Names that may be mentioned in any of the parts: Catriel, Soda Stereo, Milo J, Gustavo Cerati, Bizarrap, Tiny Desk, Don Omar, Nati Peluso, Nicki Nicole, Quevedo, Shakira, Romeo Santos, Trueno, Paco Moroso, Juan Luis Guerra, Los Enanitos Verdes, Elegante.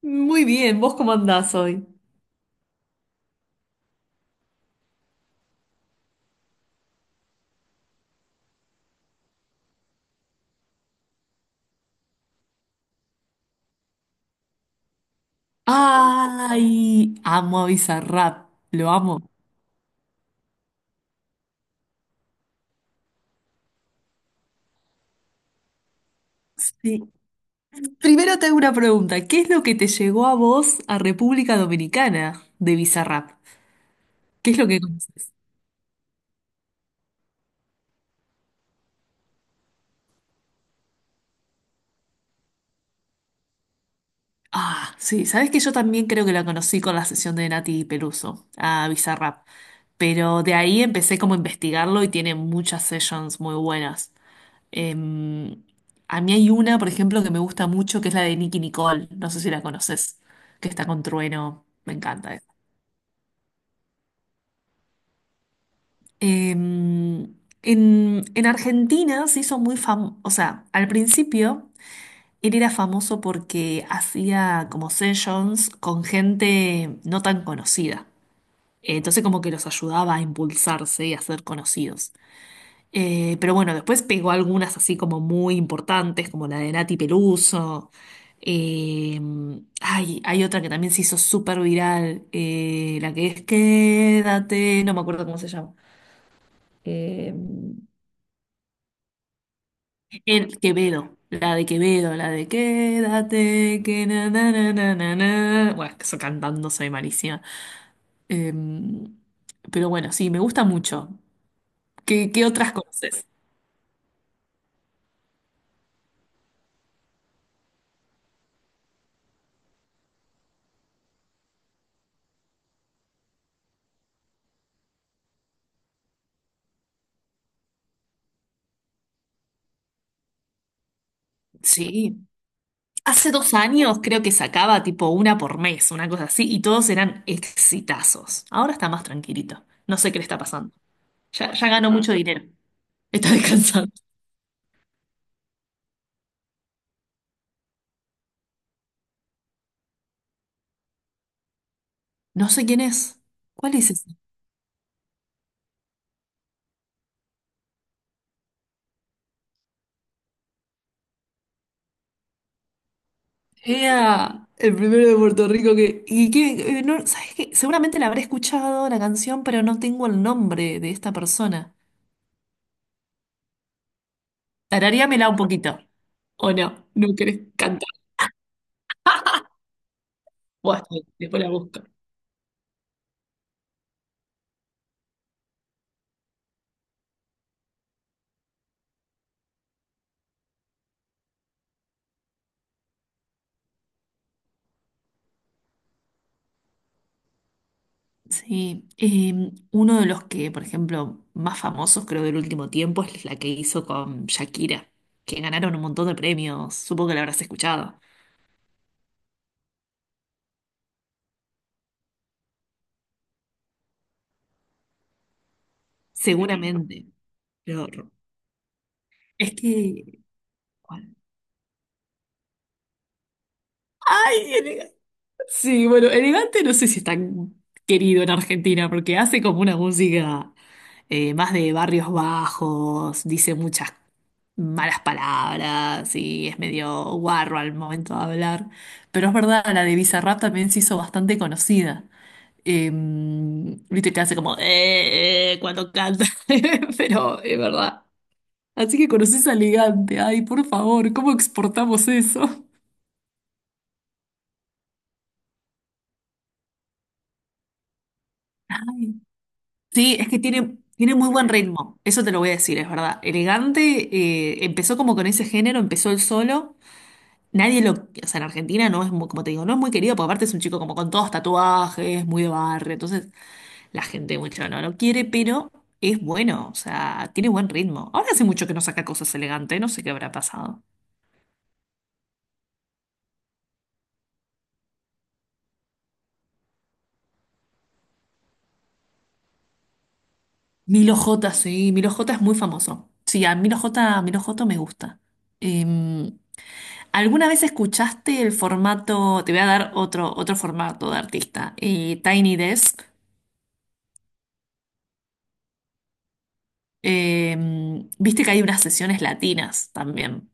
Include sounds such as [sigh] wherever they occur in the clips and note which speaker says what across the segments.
Speaker 1: Muy bien, ¿vos cómo andás hoy? Ay, amo a Bizarrap, lo amo. Sí. Primero te hago una pregunta. ¿Qué es lo que te llegó a vos a República Dominicana de Bizarrap? ¿Qué es lo que conoces? Ah, sí, sabes que yo también creo que la conocí con la sesión de Nati Peluso a Bizarrap. Pero de ahí empecé como a investigarlo y tiene muchas sessions muy buenas. Em, a mí hay una, por ejemplo, que me gusta mucho, que es la de Nicki Nicole. No sé si la conoces, que está con Trueno. Me encanta esa. Em, en Argentina se hizo muy famoso, o sea, al principio él era famoso porque hacía como sessions con gente no tan conocida. Entonces como que los ayudaba a impulsarse y a ser conocidos. Pero bueno, después pegó algunas así como muy importantes, como la de Nati Peluso. Eh, ay, hay otra que también se hizo súper viral, la que es Quédate, no me acuerdo cómo se llama. Eh, el Quevedo, la de Quédate, que na na na na na na. Bueno, es que eso cantando soy malísima. Eh, pero bueno, sí, me gusta mucho. ¿Qué otras conoces? Sí. Hace 2 años creo que sacaba tipo una por mes, una cosa así, y todos eran exitazos. Ahora está más tranquilito. No sé qué le está pasando. Ya, ya ganó Ah. Mucho dinero. Está descansando. No sé quién es. ¿Cuál es ese? Era el primero de Puerto Rico que... ¿Y qué? No, ¿sabes qué? Seguramente la habré escuchado la canción, pero no tengo el nombre de esta persona. Tararíamela un poquito. ¿O no? ¿No querés cantar? Bueno, después la busco. Sí, uno de los que, por ejemplo, más famosos creo del último tiempo es la que hizo con Shakira, que ganaron un montón de premios, supongo que la habrás escuchado, seguramente, pero es que... ¿cuál? ¡Ay! Sí, bueno, elegante no sé si es tan querido en Argentina porque hace como una música más de barrios bajos, dice muchas malas palabras y es medio guarro al momento de hablar. Pero es verdad, la de Bizarrap también se hizo bastante conocida. Viste que hace como cuando canta, [laughs] pero es verdad. Así que conoces a Elegante, ay, por favor, ¿cómo exportamos eso? Ay. Sí, es que tiene, tiene muy buen ritmo, eso te lo voy a decir, es verdad. Elegante, empezó como con ese género, empezó el solo. Nadie lo, o sea, en Argentina no es muy, como te digo, no es muy querido, porque aparte es un chico como con todos tatuajes, muy de barrio, entonces la gente mucho no lo quiere, pero es bueno, o sea, tiene buen ritmo. Ahora hace mucho que no saca cosas elegantes, no sé qué habrá pasado. Milo J, sí, Milo J es muy famoso. Sí, a Milo J, Milo J me gusta. Em, ¿Alguna vez escuchaste el formato? Te voy a dar otro, otro formato de artista, Tiny Desk. Eh, viste que hay unas sesiones latinas también.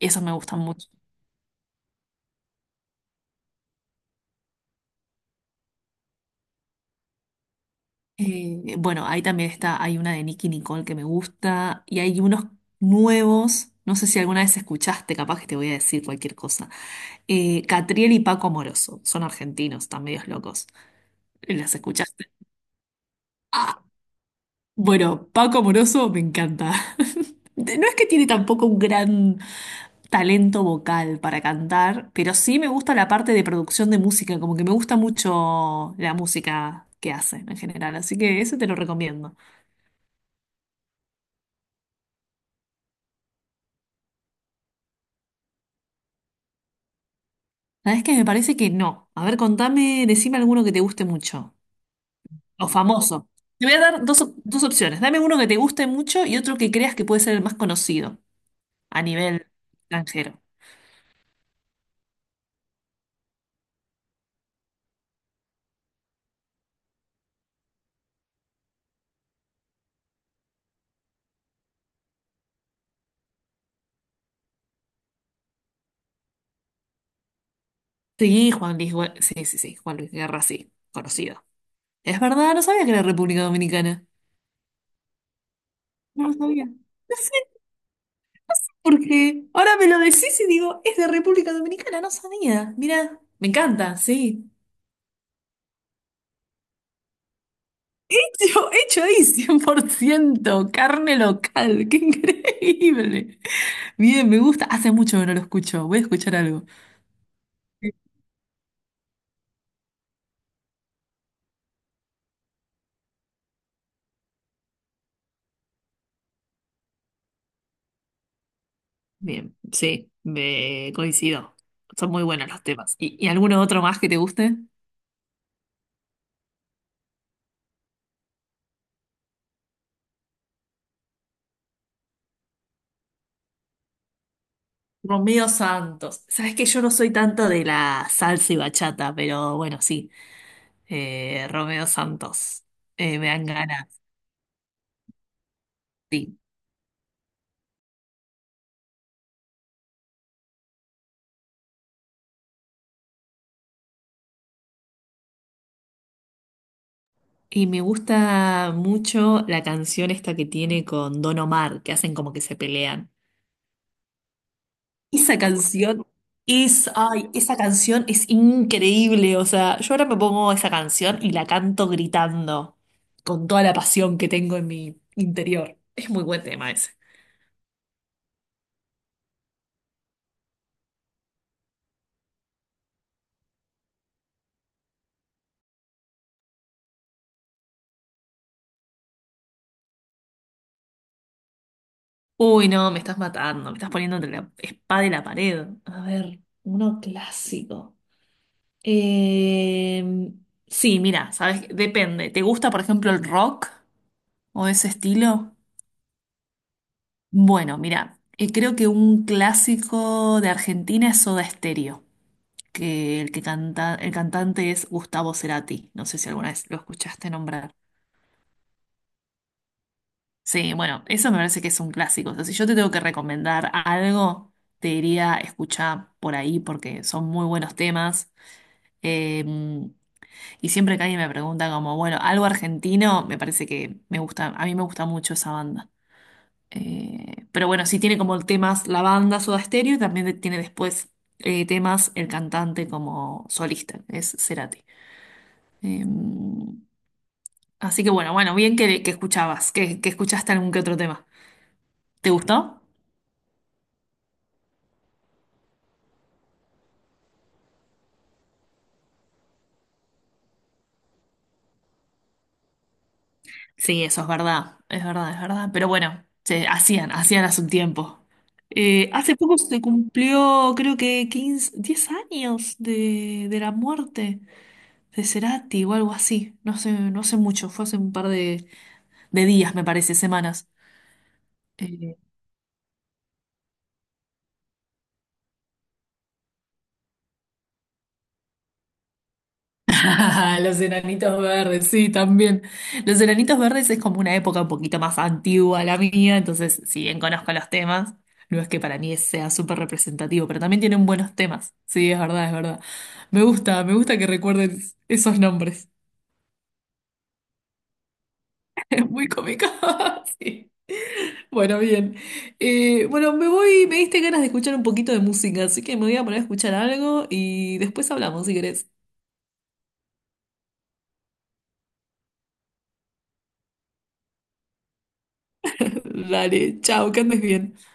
Speaker 1: Eso me gustan mucho. Bueno, ahí también está, hay una de Nicki Nicole que me gusta y hay unos nuevos, no sé si alguna vez escuchaste, capaz que te voy a decir cualquier cosa. Catriel y Paco Moroso, son argentinos, están medios locos. ¿Las escuchaste? Ah, bueno, Paco Moroso me encanta. [laughs] No es que tiene tampoco un gran talento vocal para cantar, pero sí me gusta la parte de producción de música, como que me gusta mucho la música que hacen en general, así que eso te lo recomiendo. La verdad es que me parece que no. A ver, contame, decime alguno que te guste mucho, o famoso. Te voy a dar dos, dos opciones, dame uno que te guste mucho y otro que creas que puede ser el más conocido a nivel extranjero. Sí, Juan Luis, sí, sí, sí, Juan Luis Guerra, sí, conocido. Es verdad, no sabía que era República Dominicana. No lo sabía. Porque ahora me lo decís y digo, es de República Dominicana, no sabía. Mira, me encanta, sí. Hecho, hecho ahí, 100% carne local, qué increíble. Bien, me gusta. Hace mucho que no lo escucho, voy a escuchar algo. Bien, sí, me coincido. Son muy buenos los temas. ¿Y alguno otro más que te guste? Romeo Santos. Sabes que yo no soy tanto de la salsa y bachata, pero bueno, sí. Romeo Santos. Me dan ganas. Sí. Y me gusta mucho la canción esta que tiene con Don Omar, que hacen como que se pelean. Esa canción es, ay, esa canción es increíble. O sea, yo ahora me pongo esa canción y la canto gritando con toda la pasión que tengo en mi interior. Es muy buen tema ese. Uy, no, me estás matando, me estás poniendo entre la espada y la pared. A ver, uno clásico. Eh, sí, mira, sabes, depende. ¿Te gusta, por ejemplo, el rock? ¿O ese estilo? Bueno, mira, creo que un clásico de Argentina es Soda Stereo, que el que canta, el cantante es Gustavo Cerati. No sé si alguna vez lo escuchaste nombrar. Sí, bueno, eso me parece que es un clásico. O sea, si yo te tengo que recomendar algo, te diría escuchar por ahí porque son muy buenos temas. Eh, y siempre que alguien me pregunta como, bueno, algo argentino, me parece que me gusta, a mí me gusta mucho esa banda. Pero bueno, sí tiene como temas la banda Soda Stereo y también tiene después temas el cantante como solista, es Cerati. Eh, así que bueno, bueno, bien que escuchaste algún que otro tema. ¿Te gustó? Sí, eso es verdad, es verdad, es verdad. Pero bueno, se hacían, hacían hace un tiempo. Hace poco se cumplió, creo que 15 10 años de la muerte de Cerati o algo así. No sé, no sé mucho, fue hace un par de días, me parece, semanas. Eh, [laughs] Los enanitos verdes, sí, también. Los Enanitos Verdes es como una época un poquito más antigua a la mía, entonces si bien conozco los temas, no es que para mí sea súper representativo, pero también tienen buenos temas. Sí, es verdad, es verdad. Me gusta que recuerden esos nombres. [laughs] Es muy cómico. [laughs] Sí. Bueno, bien. Bueno, me voy, me diste ganas de escuchar un poquito de música, así que me voy a poner a escuchar algo y después hablamos si querés. [laughs] Dale, chao, que andes bien.